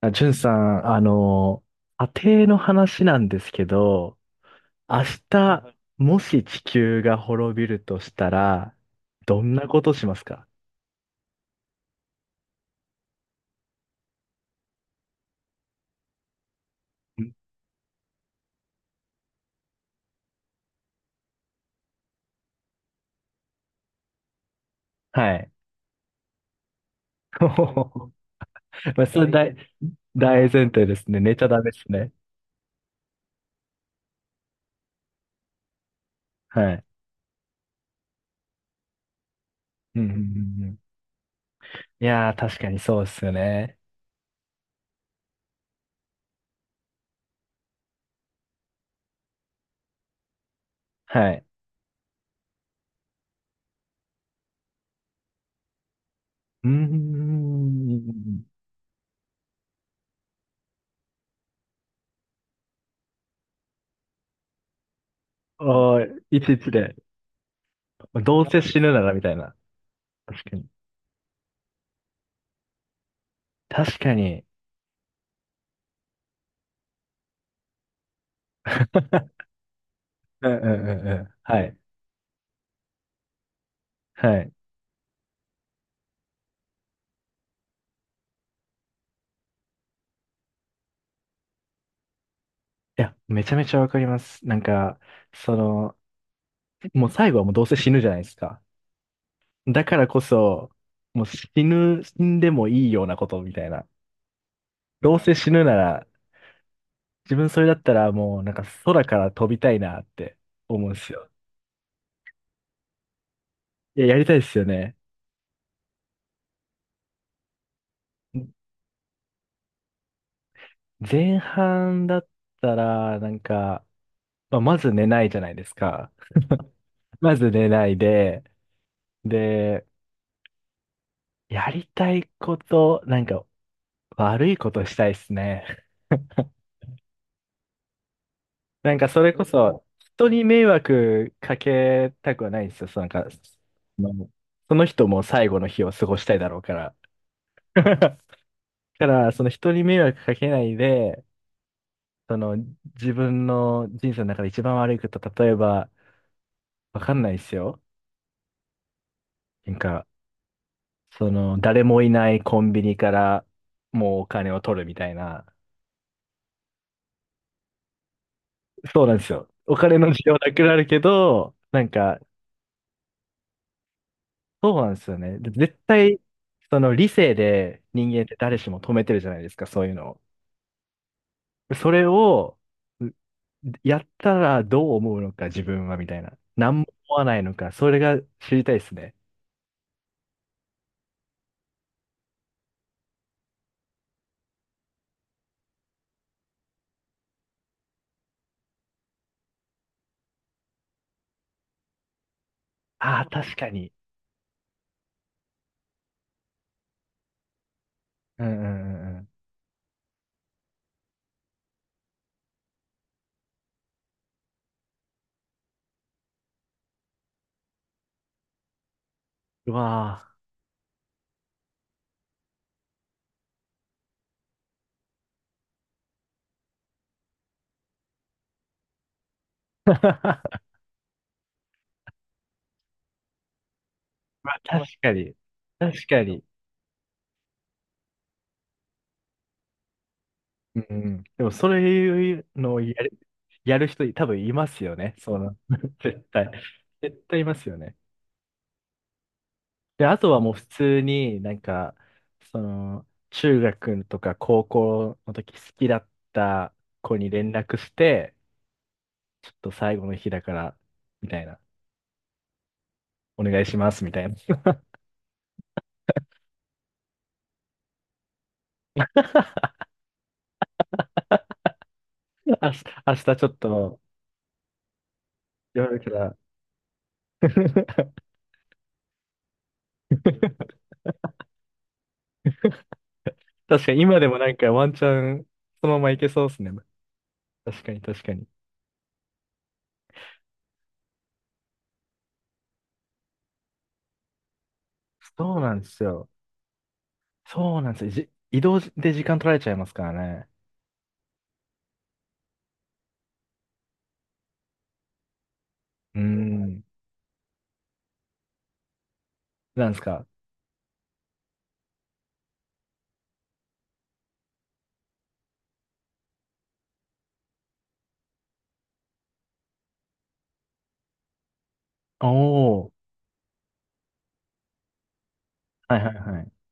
あ、じゅんさん、家庭の話なんですけど、明日、もし地球が滅びるとしたら、どんなことしますか？ん。はい。まあ、それ大、前提ですね。寝ちゃダメですね。はい。うんうんうんうん。いやー、確かにそうですよね。はい。うーん。おー、いちいちで、どうせ死ぬならみたいな。確かに。確かに。うんうんうんうん。はい。はい。いや、めちゃめちゃわかります。なんか、その、もう最後はもうどうせ死ぬじゃないですか。だからこそ、もう死んでもいいようなことみたいな。どうせ死ぬなら、自分それだったらもうなんか空から飛びたいなって思うんですよ。いや、やりたいですよね。前半だったら、なんか、まあ、まず寝ないじゃないですか。まず寝ないで、で、やりたいこと、なんか悪いことしたいですね。なんかそれこそ人に迷惑かけたくはないんですよ。そうなんか、のその人も最後の日を過ごしたいだろうから。だから、その人に迷惑かけないで、その自分の人生の中で一番悪いこと、例えば、わかんないですよ。なんか、その、誰もいないコンビニからもうお金を取るみたいな。そうなんですよ。お金の需要なくなるけど、なんか、そうなんですよね。で絶対、その理性で人間って誰しも止めてるじゃないですか、そういうのを。それを、うやったらどう思うのか、自分は、みたいな。何も思わないのか、それが知りたいですね。ああ、確かに。うんうんうんうん。うわあ。うわ確かに。確かに。うんうん。でも、そういうのをやる人、多分いますよね。そう 絶対。絶対いますよね。で、あとはもう普通になんか、その、中学とか高校の時好きだった子に連絡して、ちょっと最後の日だから、みたいな、お願いします、みたいな。明日ちょっと夜から 確かに今でもなんかワンチャンそのままいけそうですね。確かに確かに。そうなんですよ。そうなんですよ。移動で時間取られちゃいますからね。うーん。なんですか？おー。はいはいはい。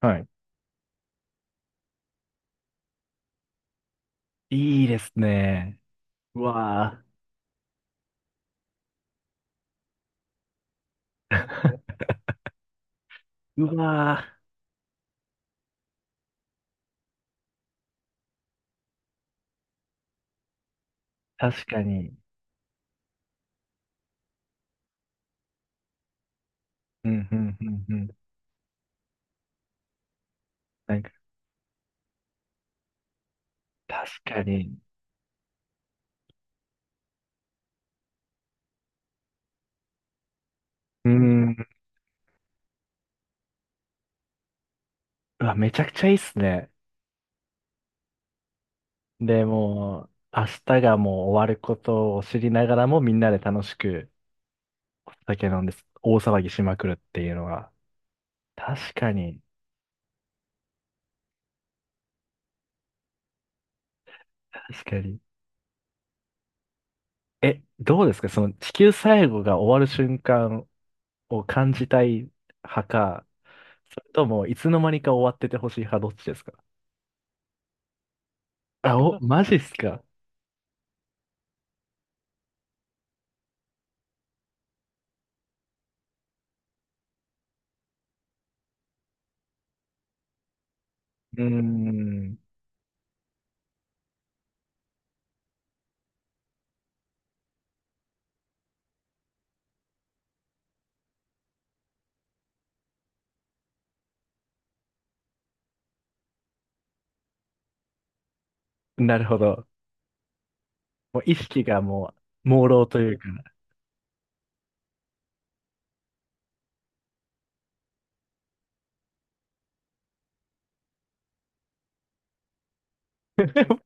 はい。いいですね。うわー うわー確かに。うん、うん、うん、うん。なんか、確かに。うーん。うわ、めちゃくちゃいいっすね。で、もう、明日がもう終わることを知りながらも、みんなで楽しく酒飲んで、大騒ぎしまくるっていうのは、確かに、確かに。え、どうですかその地球最後が終わる瞬間を感じたい派か、それともいつの間にか終わっててほしい派、どっちですか？あ、お、マジっすか。うーん。なるほど。もう意識がもう、朦朧というか。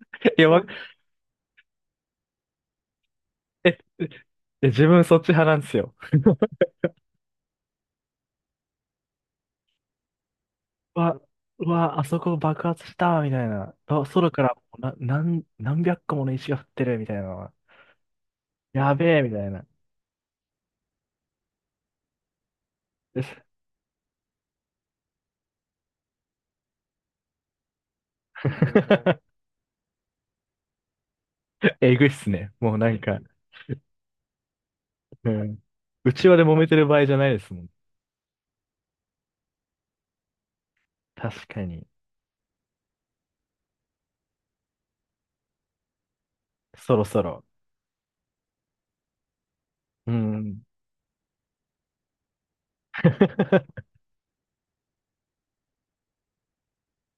いや、わ、え、自分そっち派なんですよ。うわ、うわ、あそこ爆発したみたいな。あ、空からな、何百個もの石が降ってるみたいなのは。やべえみたいな。です えぐいっすね。もうなんか、うん。うちわで揉めてる場合じゃないですもん。確かに。そろそろ。うん。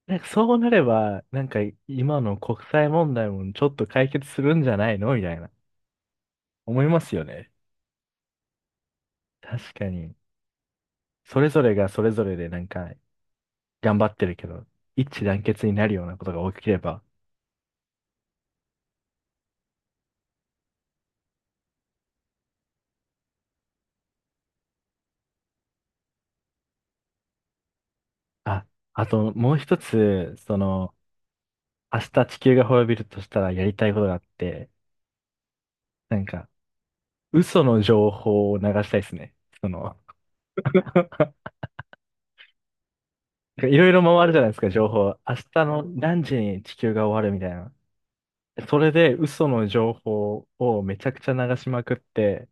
なんかそうなれば、なんか今の国際問題もちょっと解決するんじゃないのみたいな。思いますよね。確かに。それぞれがそれぞれでなんか頑張ってるけど、一致団結になるようなことが起きれば。あ、あともう一つ、その、明日地球が滅びるとしたらやりたいことがあって、なんか嘘の情報を流したいですね。その、なんかいろいろ回るじゃないですか、情報。明日の何時に地球が終わるみたいな。それで嘘の情報をめちゃくちゃ流しまくって、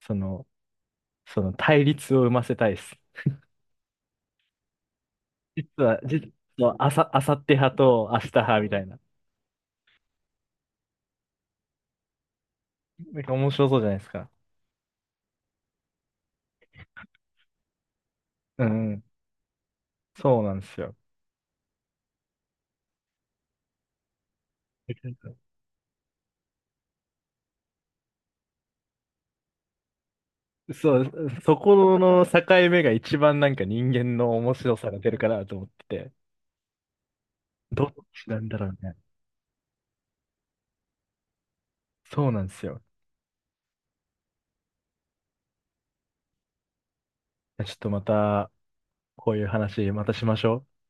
その、その対立を生ませたいです。実は、実は、あさって派と明日派みたいな。なんか面白そうじゃないですか。うんうん。そうなんですよ。そう、そこの境目が一番なんか人間の面白さが出るかなと思ってて、どっちなんだろうね。そうなんですよ。ちょっとまた、こういう話またしましょう。